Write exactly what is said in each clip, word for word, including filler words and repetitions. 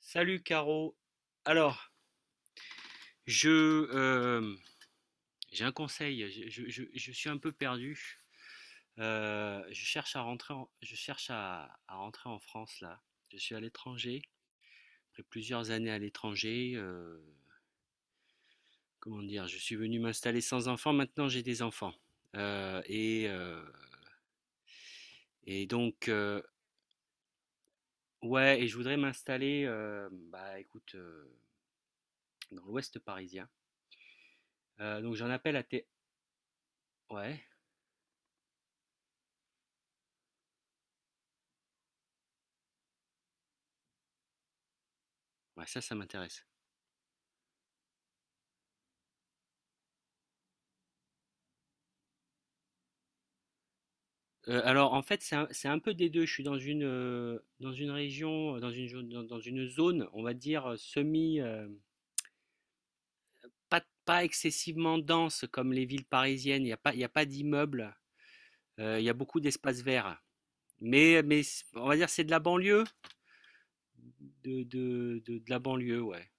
Salut, Caro. Alors, je euh, j'ai un conseil. Je, je- je- je suis un peu perdu. Euh, je cherche à rentrer en, je cherche à, à rentrer en France là. Je suis à l'étranger. Après plusieurs années à l'étranger, euh, comment dire, je suis venu m'installer sans enfants. Maintenant, j'ai des enfants. Euh, et euh, et donc euh, ouais. Et je voudrais m'installer. euh, bah écoute, euh, dans l'Ouest parisien. Euh, donc j'en appelle à tes. Ouais. Ouais, ça, ça m'intéresse. Heu, alors en fait, c'est un c'est un peu des deux. Je suis dans une, heu, dans une région, heu, dans une jaune dans dans une zone, on va dire, heu, semi, hem, pas pas excessivement dense comme les villes parisiennes. Il y a pas il y a pas d'immeubles, heu, il y a beaucoup d'espaces verts. Mais mais c on va dire, c'est de la banlieue, de de de de la banlieue, ouais.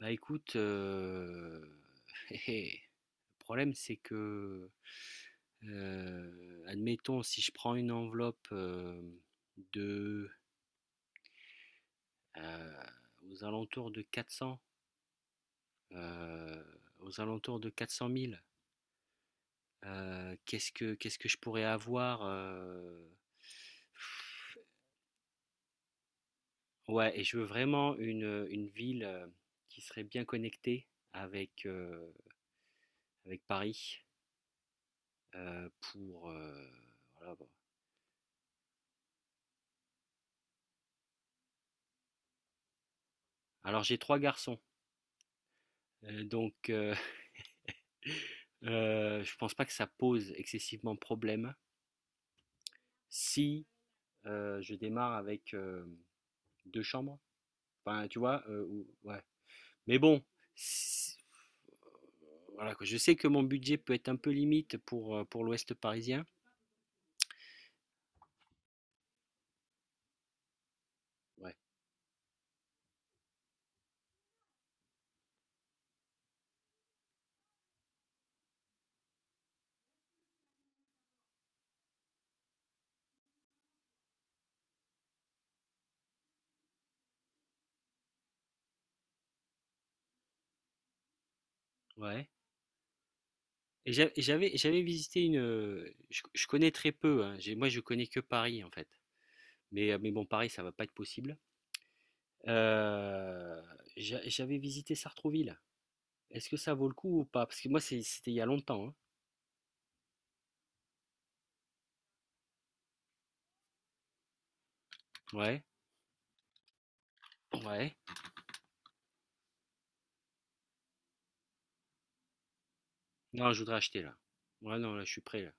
Bah, écoute, heu, le problème, c'est que, heu, admettons, si je prends une enveloppe, hem, de euh, aux alentours de quatre cents, euh, aux alentours de quatre cent mille. Euh, qu'est-ce que qu'est-ce que je pourrais avoir euh, Ouais, et je veux vraiment une, une ville euh, qui serait bien connectée avec euh, avec Paris euh, pour euh, Voilà, bon. Alors j'ai trois garçons, euh, donc euh, euh, je pense pas que ça pose excessivement problème si euh, je démarre avec euh, deux chambres. Enfin, tu vois, euh, ou- ouais. Mais bon, si- voilà. Je sais que mon budget peut être un peu limite pour, euh, pour l'Ouest parisien. Ouais. Ouais. Et j'a- et j'avais j'avais visité une. euh, Je, je connais très peu, hein. J'ai- Moi, je connais que Paris en fait. Mais, euh, mais bon, Paris, ça va pas être possible. Euh, j'a- J'avais visité Sartrouville. Est-ce que ça vaut le coup ou pas? Parce que moi, c'est- c'était il y a longtemps, hein. Ouais. Ouais. Non, je voudrais acheter là. Ouais, non, là, je suis prêt là.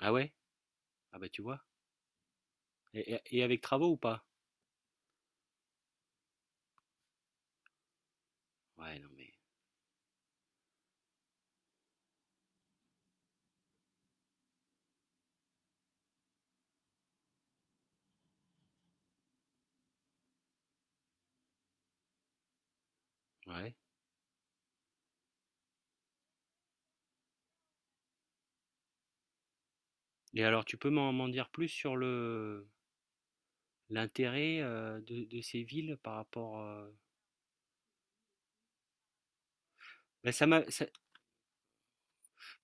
Ah ouais? Ah bah, tu vois. Et, et- et avec travaux ou pas? Ouais, non mais. Ouais. Et alors, tu peux m'en m'en dire plus sur le l'intérêt euh, de, de ces villes par rapport euh, bah, ça m'a ça-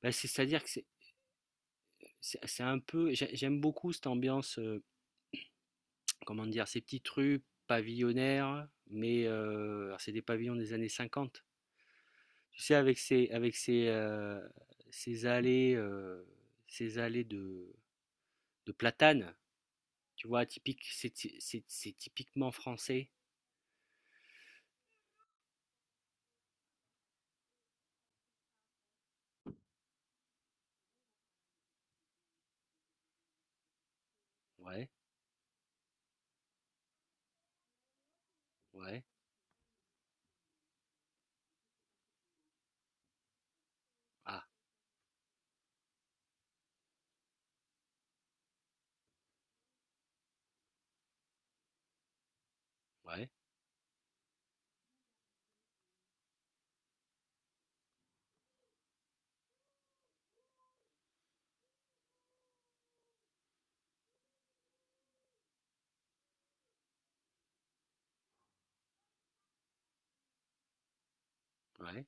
bah, c'est- c'est-à-dire que c'est c'est- c'est un peu j'ai- j'aime beaucoup cette ambiance, euh, comment dire, ces petites rues pavillonnaires, mais euh, alors c'est des pavillons des années cinquante, tu sais, avec ces avec ces euh, ces allées euh, ces allées de de platanes. Tu vois, typique, c'est ty- c'est c'est typiquement français. Ouais, ouais. Ah ouais, ouais,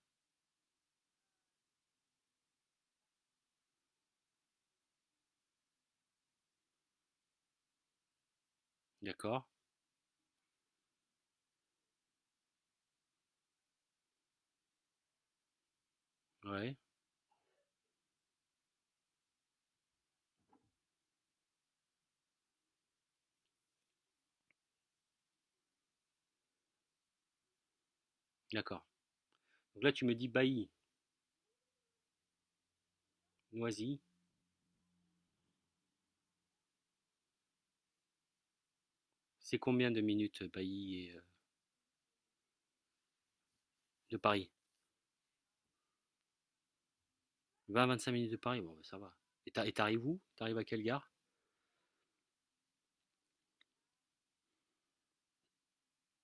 d'accord. Ouais. D'accord. Donc là, tu me dis Bailly, Noisy. C'est combien de minutes euh, Bailly et, euh, de Paris? vingt à vingt-cinq minutes de Paris, bon, bah, ça va. Et t'arrives où? T'arrives à quelle gare?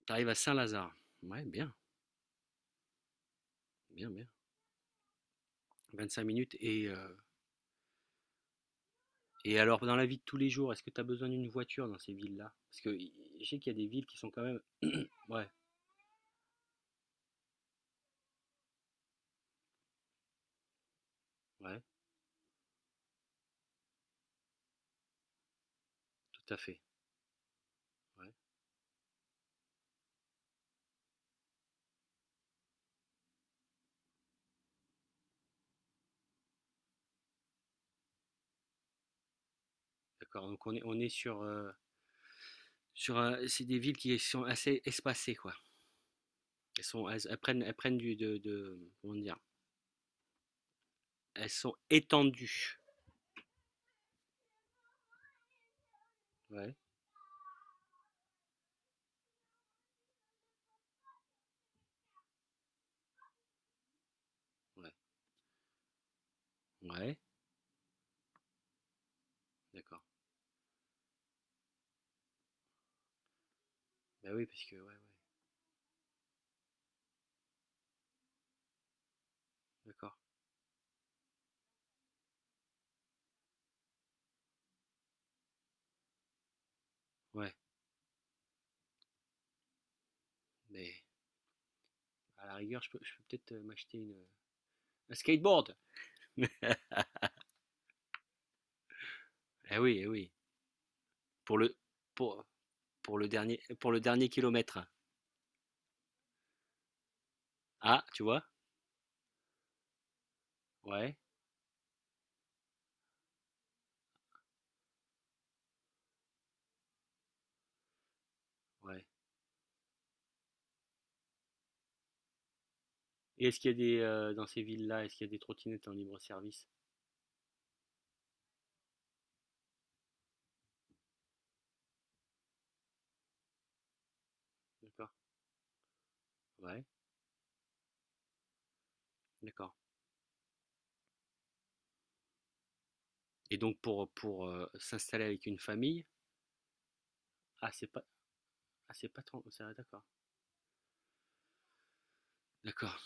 T'arrives à Saint-Lazare. Ouais, bien, bien, bien. vingt-cinq minutes. Et, euh, et alors, dans la vie de tous les jours, est-ce que t'as besoin d'une voiture dans ces villes-là? Parce que je sais qu'il y a des villes qui sont quand même. Ouais, ouais, tout à fait. Ouais, d'accord. Donc, on est, on est sur. Euh, sur un- c'est des villes qui sont assez espacées, quoi. Elles, sont, elles, elles prennent, elles prennent du. De, de- comment dire, elles sont étendues. Ouais. Ouais. Ouais, d'accord. Bah oui, parce que, ouais, ouais, d'accord. Ouais, mais à la rigueur, je peux, je peux peut-être euh, m'acheter une, un skateboard. Eh oui, eh oui. Pour le, pour, pour le dernier, pour le dernier kilomètre. Ah, tu vois? Ouais, ouais. Et est-ce qu'il y a des, euh, Dans ces villes-là, est-ce qu'il y a des trottinettes en libre service? D'accord. Ouais, d'accord. Et donc pour, pour euh, s'installer avec une famille. Ah, c'est pas, ah, c'est pas trop, c'est- d'accord. D'accord.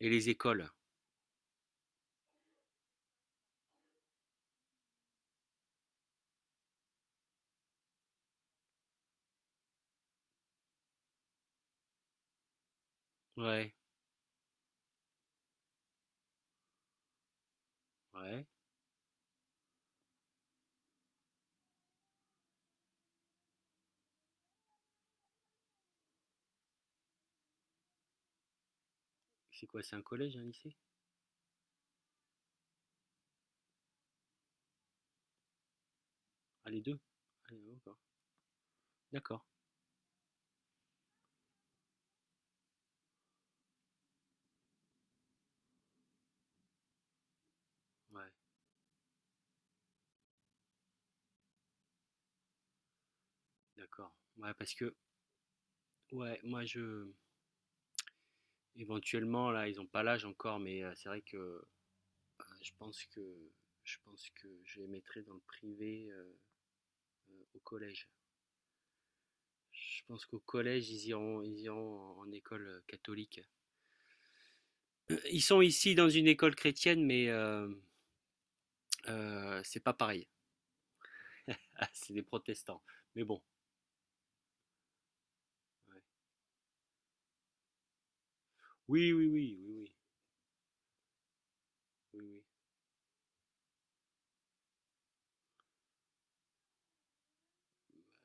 Et les écoles? Ouais, ouais. C'est quoi, c'est un collège, un lycée? Ah, les deux. Ah, d'accord. D'accord. Ouais, d'accord. Ouais, parce que, ouais, moi, je. Éventuellement, là, ils n'ont pas l'âge encore, mais euh, c'est vrai que euh, je pense que je pense que je les mettrai dans le privé euh, euh, au collège. Je pense qu'au collège, ils iront, ils iront en, en école euh, catholique. Euh, Ils sont ici dans une école chrétienne, mais euh, euh, c'est pas pareil. Ah, c'est des protestants. Mais bon. Ouais. Oui, oui, oui, oui, oui, oui, oui.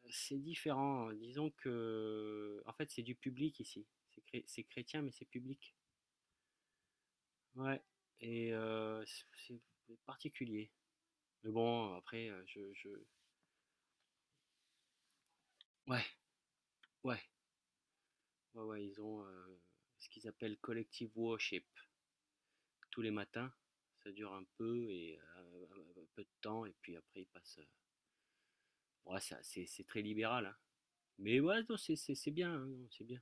C'est différent, hein. Disons que, en fait, c'est du public ici. C'est chré- c'est chrétien, mais c'est public. Ouais. Et euh, c'est c'est particulier. Mais bon, après, euh, je, je... Ouais, ouais, ouais, ouais, ils ont euh, ce qu'ils appellent collective worship tous les matins. Ça dure un peu et euh, un peu de temps et puis après ils passent. euh, Ouais, ça, c'est c'est très libéral, hein. Mais ouais, non, c'est c'est- c'est bien, hein, non, c'est bien,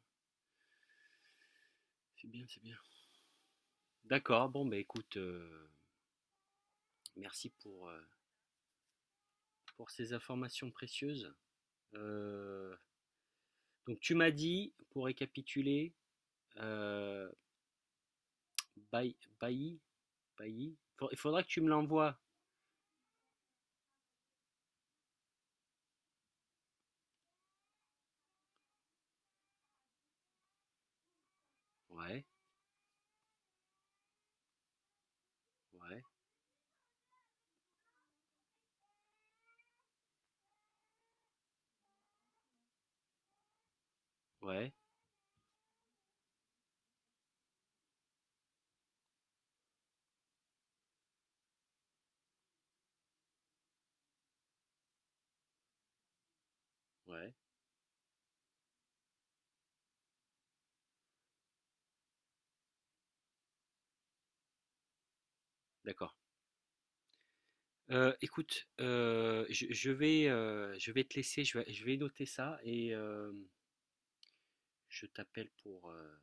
c'est bien, c'est bien. D'accord. Bon, bah écoute, euh, merci pour euh, pour ces informations précieuses. Euh, donc tu m'as dit, pour récapituler, euh, Bailly, Bailly, Bailly, il faudra que tu me l'envoies. Ouais, ouais, ouais, ouais, d'accord. Euh, écoute, euh, je, je vais, euh, je vais te laisser, je vais, je vais noter ça et euh, je t'appelle pour, euh,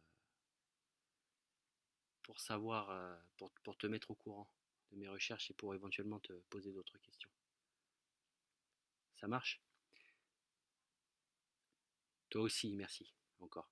pour savoir, euh, pour, pour te mettre au courant de mes recherches et pour éventuellement te poser d'autres questions. Ça marche? Toi aussi, merci encore.